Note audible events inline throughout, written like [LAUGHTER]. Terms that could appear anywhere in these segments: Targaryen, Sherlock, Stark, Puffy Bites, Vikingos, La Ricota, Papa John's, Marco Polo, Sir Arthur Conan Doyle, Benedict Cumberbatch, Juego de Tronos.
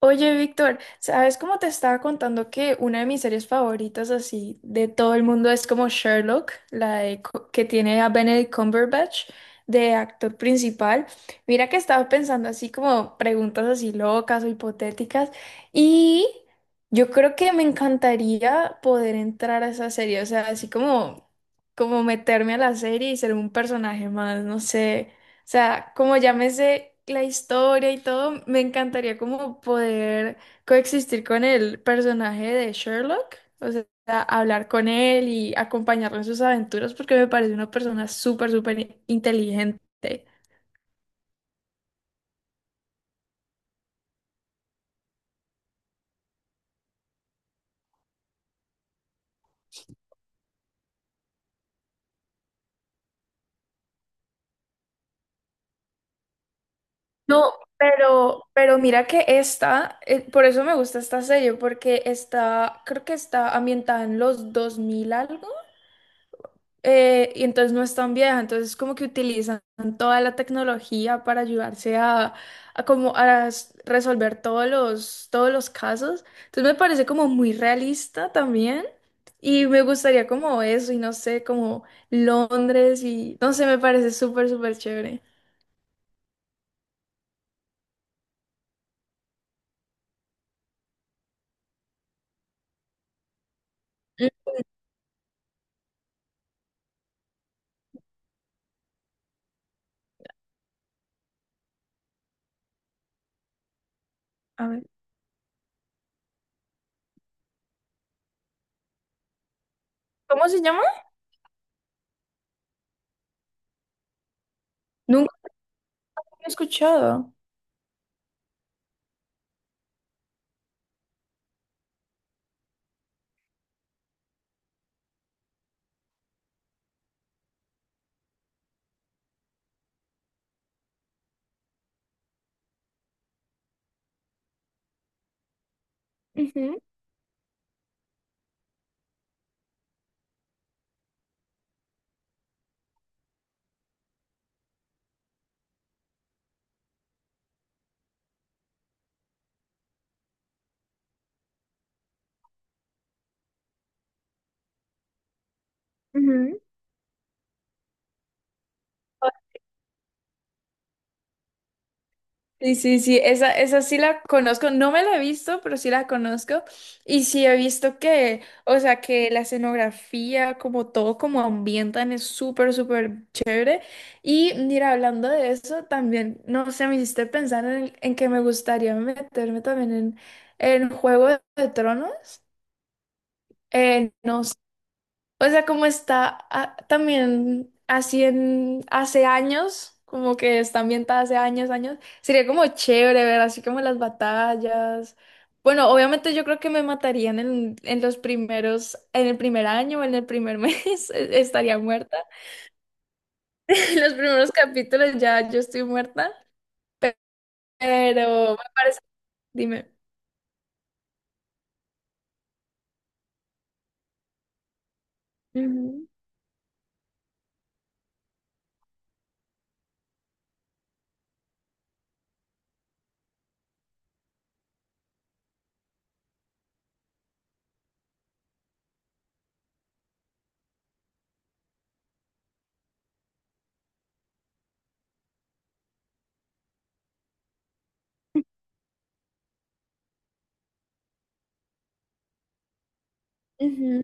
Oye, Víctor, ¿sabes cómo te estaba contando que una de mis series favoritas así de todo el mundo es como Sherlock, la de que tiene a Benedict Cumberbatch de actor principal? Mira que estaba pensando así como preguntas así locas o hipotéticas y yo creo que me encantaría poder entrar a esa serie, o sea, así como meterme a la serie y ser un personaje más, no sé. O sea, como ya me sé la historia y todo, me encantaría como poder coexistir con el personaje de Sherlock, o sea, hablar con él y acompañarlo en sus aventuras porque me parece una persona súper, súper inteligente. No, pero mira que esta, por eso me gusta esta serie, porque está, creo que está ambientada en los 2000 algo. Y entonces no es tan vieja, entonces como que utilizan toda la tecnología para ayudarse a resolver todos los casos. Entonces me parece como muy realista también y me gustaría como eso y no sé, como Londres y no sé, me parece súper, súper chévere. Mm, A ver, ¿cómo se llama? Nunca lo he escuchado. Ujú, ujú. Sí, sí, sí, esa sí la conozco, no me la he visto, pero sí la conozco. Y sí he visto que, o sea, que la escenografía, como todo, como ambientan, es súper, súper chévere. Y mira, hablando de eso, también, no sé, me hiciste pensar en que me gustaría meterme también en Juego de Tronos. No o sea, como está también así en hace años, como que está ambientada hace años, años, sería como chévere ver así como las batallas. Bueno, obviamente yo creo que me matarían en los primeros, en el primer año, en el primer mes, [LAUGHS] estaría muerta. [LAUGHS] En los primeros capítulos ya yo estoy muerta, pero dime. Ujú, ujú,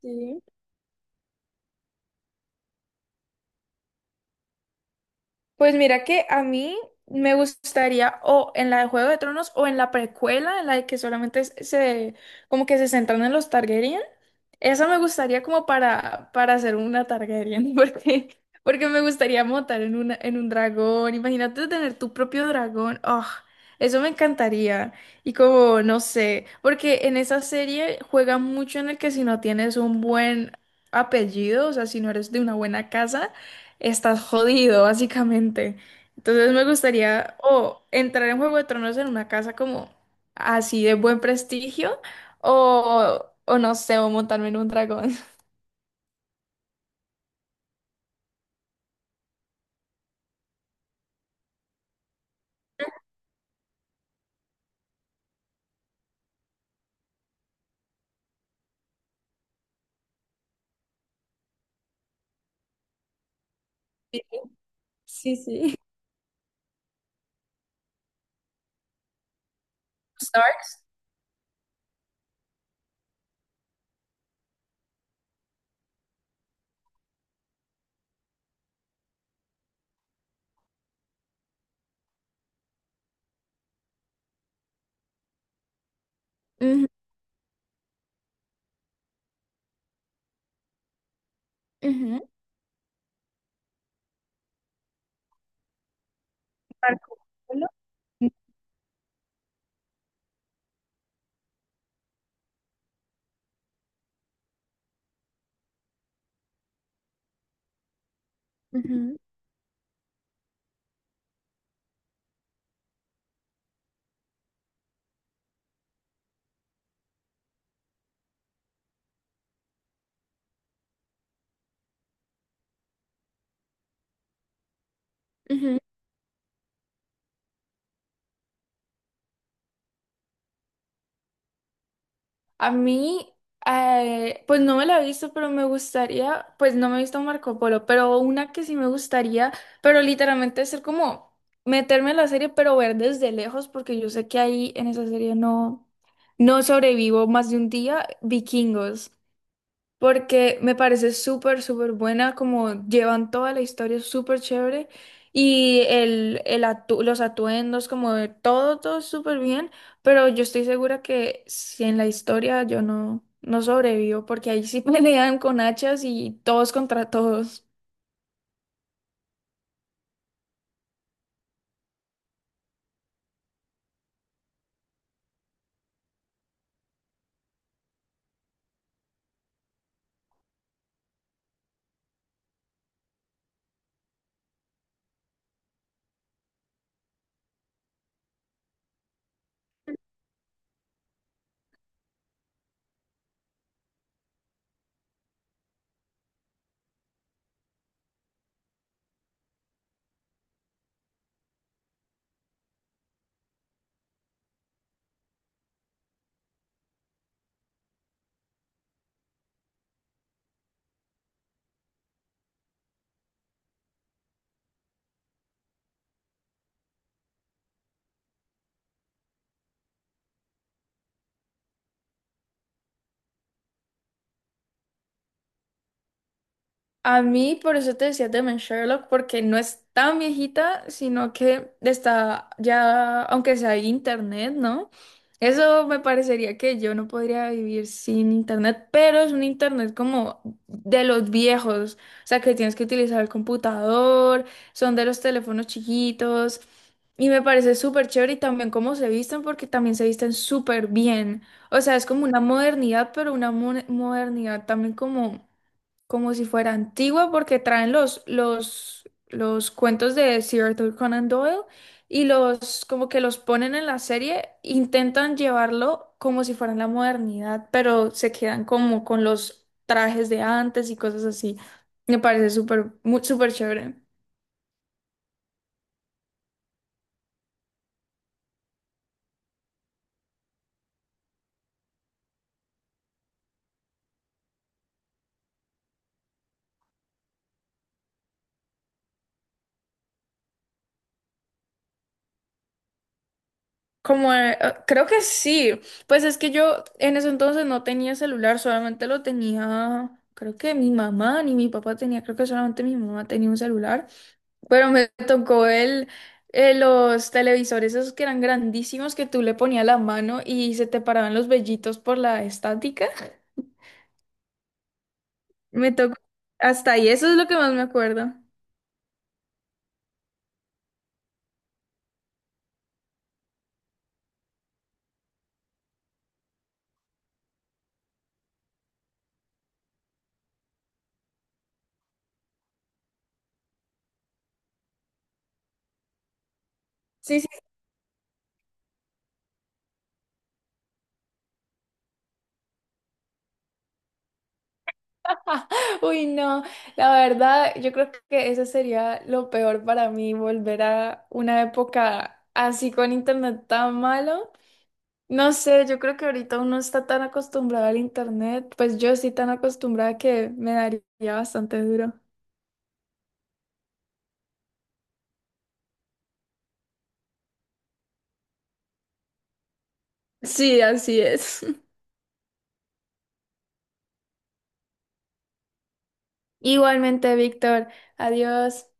sí. Pues mira que a mí me gustaría o en la de Juego de Tronos o en la precuela, en la de que solamente como que se centran en los Targaryen. Esa me gustaría como para hacer una Targaryen, [LAUGHS] porque, porque me gustaría montar en una, en un dragón. Imagínate tener tu propio dragón. Oh, eso me encantaría. Y como, no sé, porque en esa serie juega mucho en el que si no tienes un buen apellido, o sea, si no eres de una buena casa estás jodido, básicamente. Entonces me gustaría o entrar en Juego de Tronos en una casa como así de buen prestigio o no sé, o montarme en un dragón. [LAUGHS] Sí, sí. Sí. Stark. Ujú, ujú. tal como- Ujú, ujú. A mí, pues no me la he visto, pero me gustaría, pues no me he visto Marco Polo, pero una que sí me gustaría, pero literalmente es ser como meterme en la serie, pero ver desde lejos, porque yo sé que ahí en esa serie no sobrevivo más de un día, Vikingos porque me parece súper, súper buena, como llevan toda la historia súper chévere y el los atuendos, como de todo, todo súper bien, pero yo estoy segura que si en la historia yo no sobrevivo, porque ahí sí [LAUGHS] pelean con hachas y todos contra todos. A mí, por eso te decía también Sherlock, porque no es tan viejita, sino que está ya, aunque sea internet, ¿no? Eso me parecería que yo no podría vivir sin internet, pero es un internet como de los viejos, o sea, que tienes que utilizar el computador, son de los teléfonos chiquitos, y me parece súper chévere y también cómo se visten, porque también se visten súper bien. O sea, es como una modernidad, pero una modernidad también como si fuera antigua porque traen los cuentos de Sir Arthur Conan Doyle y los como que los ponen en la serie, intentan llevarlo como si fuera en la modernidad, pero se quedan como con los trajes de antes y cosas así. Me parece súper, súper chévere. Como, creo que sí. Pues es que yo en ese entonces no tenía celular, solamente lo tenía, creo que mi mamá ni mi papá tenía, creo que solamente mi mamá tenía un celular. Pero me tocó los televisores esos que eran grandísimos que tú le ponías la mano y se te paraban los vellitos por la estática. Me tocó hasta ahí, eso es lo que más me acuerdo. Sí, sí. [LAUGHS] Uy, no, la verdad, yo creo que eso sería lo peor para mí, volver a una época así con internet tan malo. No sé, yo creo que ahorita uno está tan acostumbrado al internet, pues yo sí tan acostumbrada que me daría bastante duro. Sí, así es. Igualmente, Víctor. Adiós.